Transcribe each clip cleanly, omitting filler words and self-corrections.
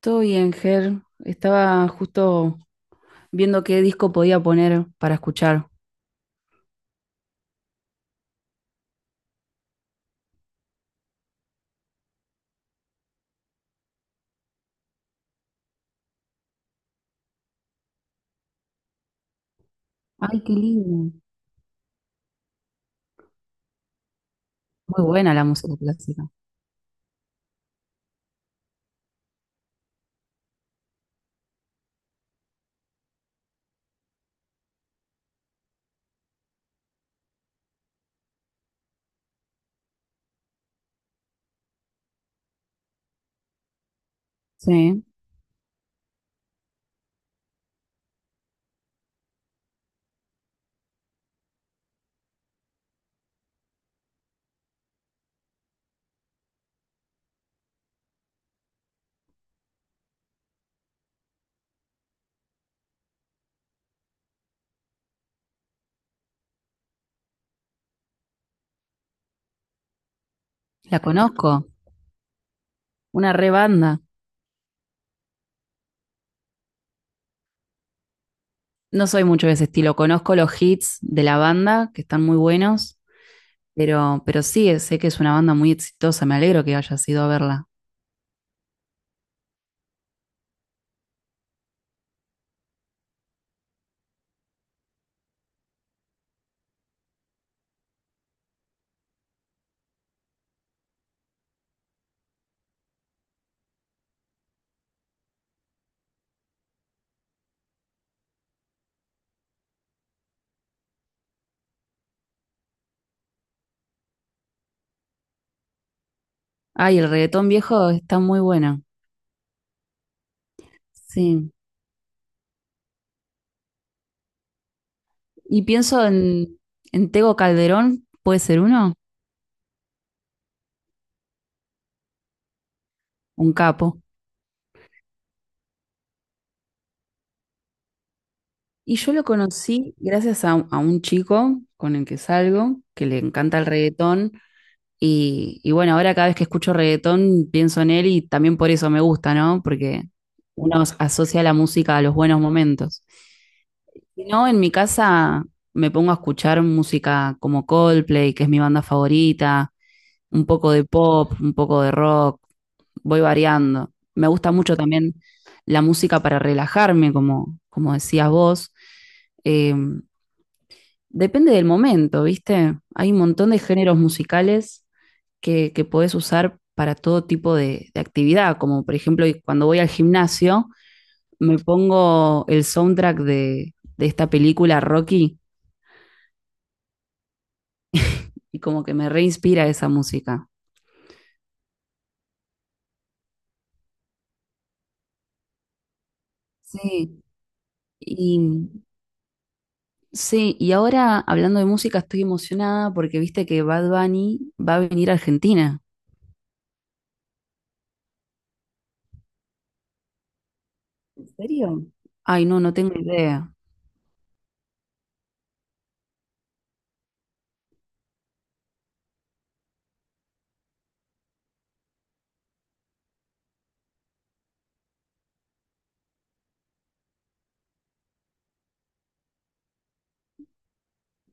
Todo bien, Ger. Estaba justo viendo qué disco podía poner para escuchar. Ay, qué lindo. Muy buena la música clásica. Sí, la conozco. Una re banda. No soy mucho de ese estilo. Conozco los hits de la banda, que están muy buenos, pero sí, sé que es una banda muy exitosa. Me alegro que hayas ido a verla. Ay, el reggaetón viejo está muy bueno. Sí. Y pienso en Tego Calderón, ¿puede ser uno? Un capo. Y yo lo conocí gracias a un chico con el que salgo, que le encanta el reggaetón. Y bueno, ahora cada vez que escucho reggaetón pienso en él y también por eso me gusta, ¿no? Porque uno asocia la música a los buenos momentos. Si no, en mi casa me pongo a escuchar música como Coldplay, que es mi banda favorita, un poco de pop, un poco de rock, voy variando. Me gusta mucho también la música para relajarme, como, como decías vos. Eh, Depende del momento, ¿viste? Hay un montón de géneros musicales que podés usar para todo tipo de actividad, como por ejemplo y cuando voy al gimnasio, me pongo el soundtrack de esta película Rocky y como que me reinspira esa música. Sí, y sí, y ahora hablando de música estoy emocionada porque viste que Bad Bunny va a venir a Argentina. ¿En serio? Ay, no, no tengo idea.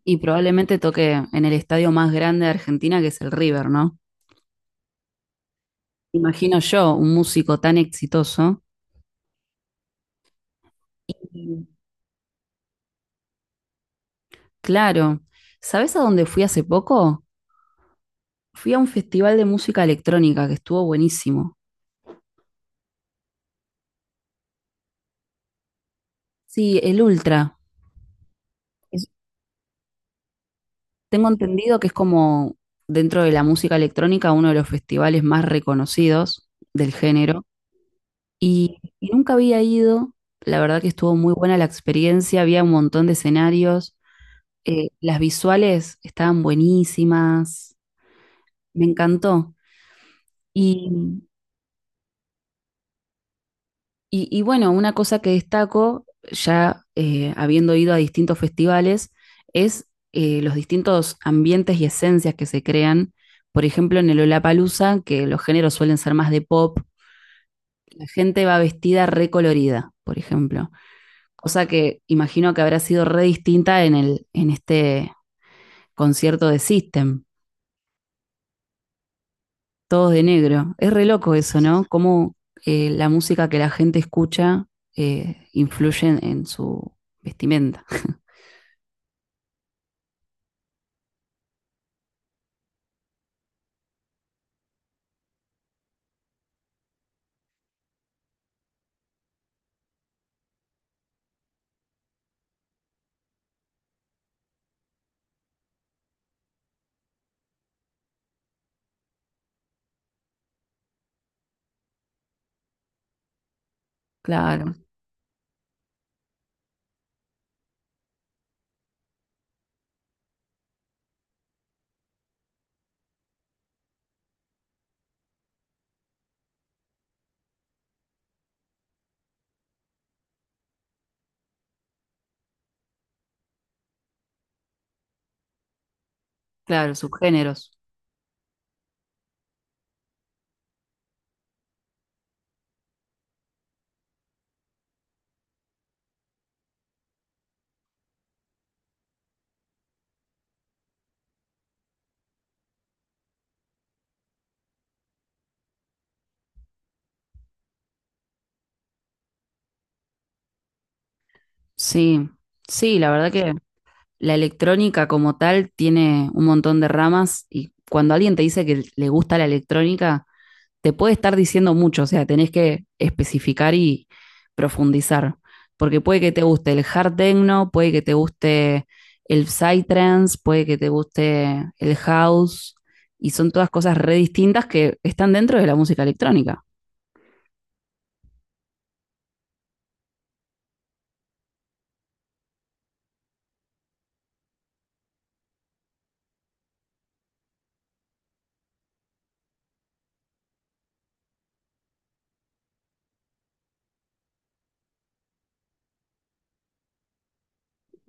Y probablemente toque en el estadio más grande de Argentina, que es el River, ¿no? Imagino yo, un músico tan exitoso. Mm. Claro. ¿Sabes a dónde fui hace poco? Fui a un festival de música electrónica que estuvo buenísimo. Sí, el Ultra. Es- Tengo entendido que es como dentro de la música electrónica uno de los festivales más reconocidos del género. Y nunca había ido. La verdad que estuvo muy buena la experiencia. Había un montón de escenarios. Las visuales estaban buenísimas, me encantó. Y, y bueno, una cosa que destaco, ya habiendo ido a distintos festivales, es los distintos ambientes y esencias que se crean. Por ejemplo, en el Lollapalooza, que los géneros suelen ser más de pop, la gente va vestida recolorida, por ejemplo. Cosa que imagino que habrá sido re distinta en el, en este concierto de System. Todos de negro. Es re loco eso, ¿no? Cómo la música que la gente escucha influye en su vestimenta. Claro, claro, sus géneros. Sí, sí, la verdad que la electrónica como tal tiene un montón de ramas y cuando alguien te dice que le gusta la electrónica, te puede estar diciendo mucho, o sea, tenés que especificar y profundizar, porque puede que te guste el hard techno, puede que te guste el psytrance, puede que te guste el house, y son todas cosas re distintas que están dentro de la música electrónica.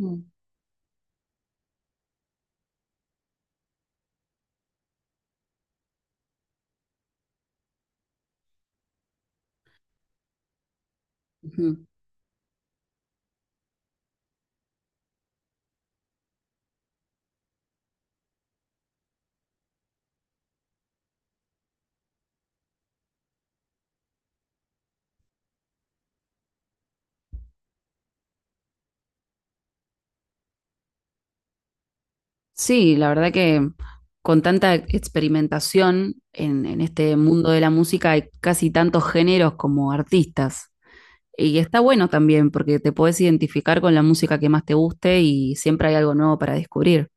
Uh -huh. Sí, la verdad que con tanta experimentación en, este mundo de la música hay casi tantos géneros como artistas. Y está bueno también porque te puedes identificar con la música que más te guste y siempre hay algo nuevo para descubrir.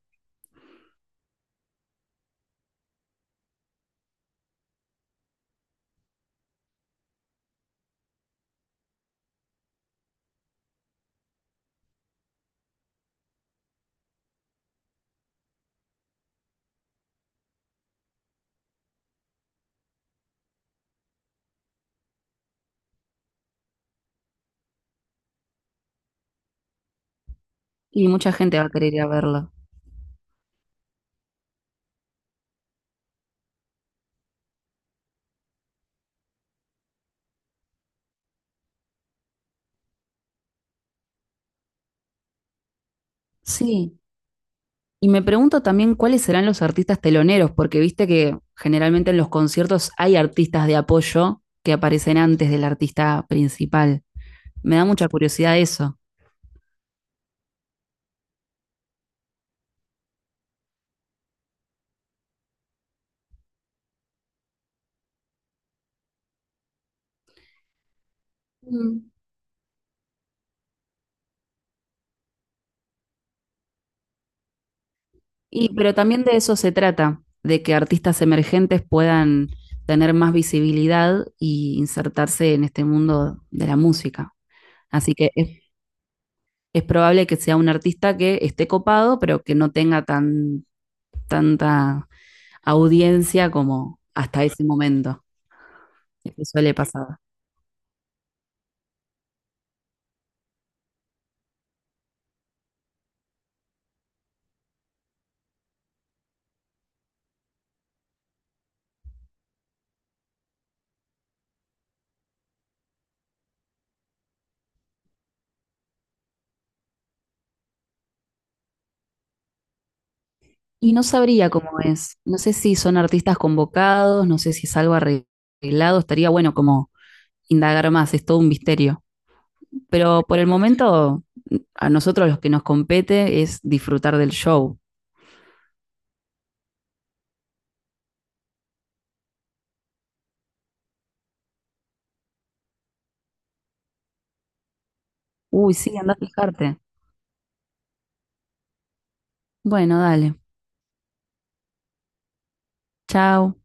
Y mucha gente va a querer ir a verlo. Sí. Y me pregunto también cuáles serán los artistas teloneros, porque viste que generalmente en los conciertos hay artistas de apoyo que aparecen antes del artista principal. Me da mucha curiosidad eso. Mm. Y, pero también de eso se trata, de que artistas emergentes puedan tener más visibilidad y insertarse en este mundo de la música. Así que es probable que sea un artista que esté copado, pero que no tenga tan, tanta audiencia como hasta ese momento. Me suele pasar. Y no sabría cómo es. No sé si son artistas convocados, no sé si es algo arreglado. Estaría bueno como indagar más, es todo un misterio. Pero por el momento, a nosotros los que nos compete es disfrutar del show. Uy, sí, anda a fijarte. Bueno, dale. Chao.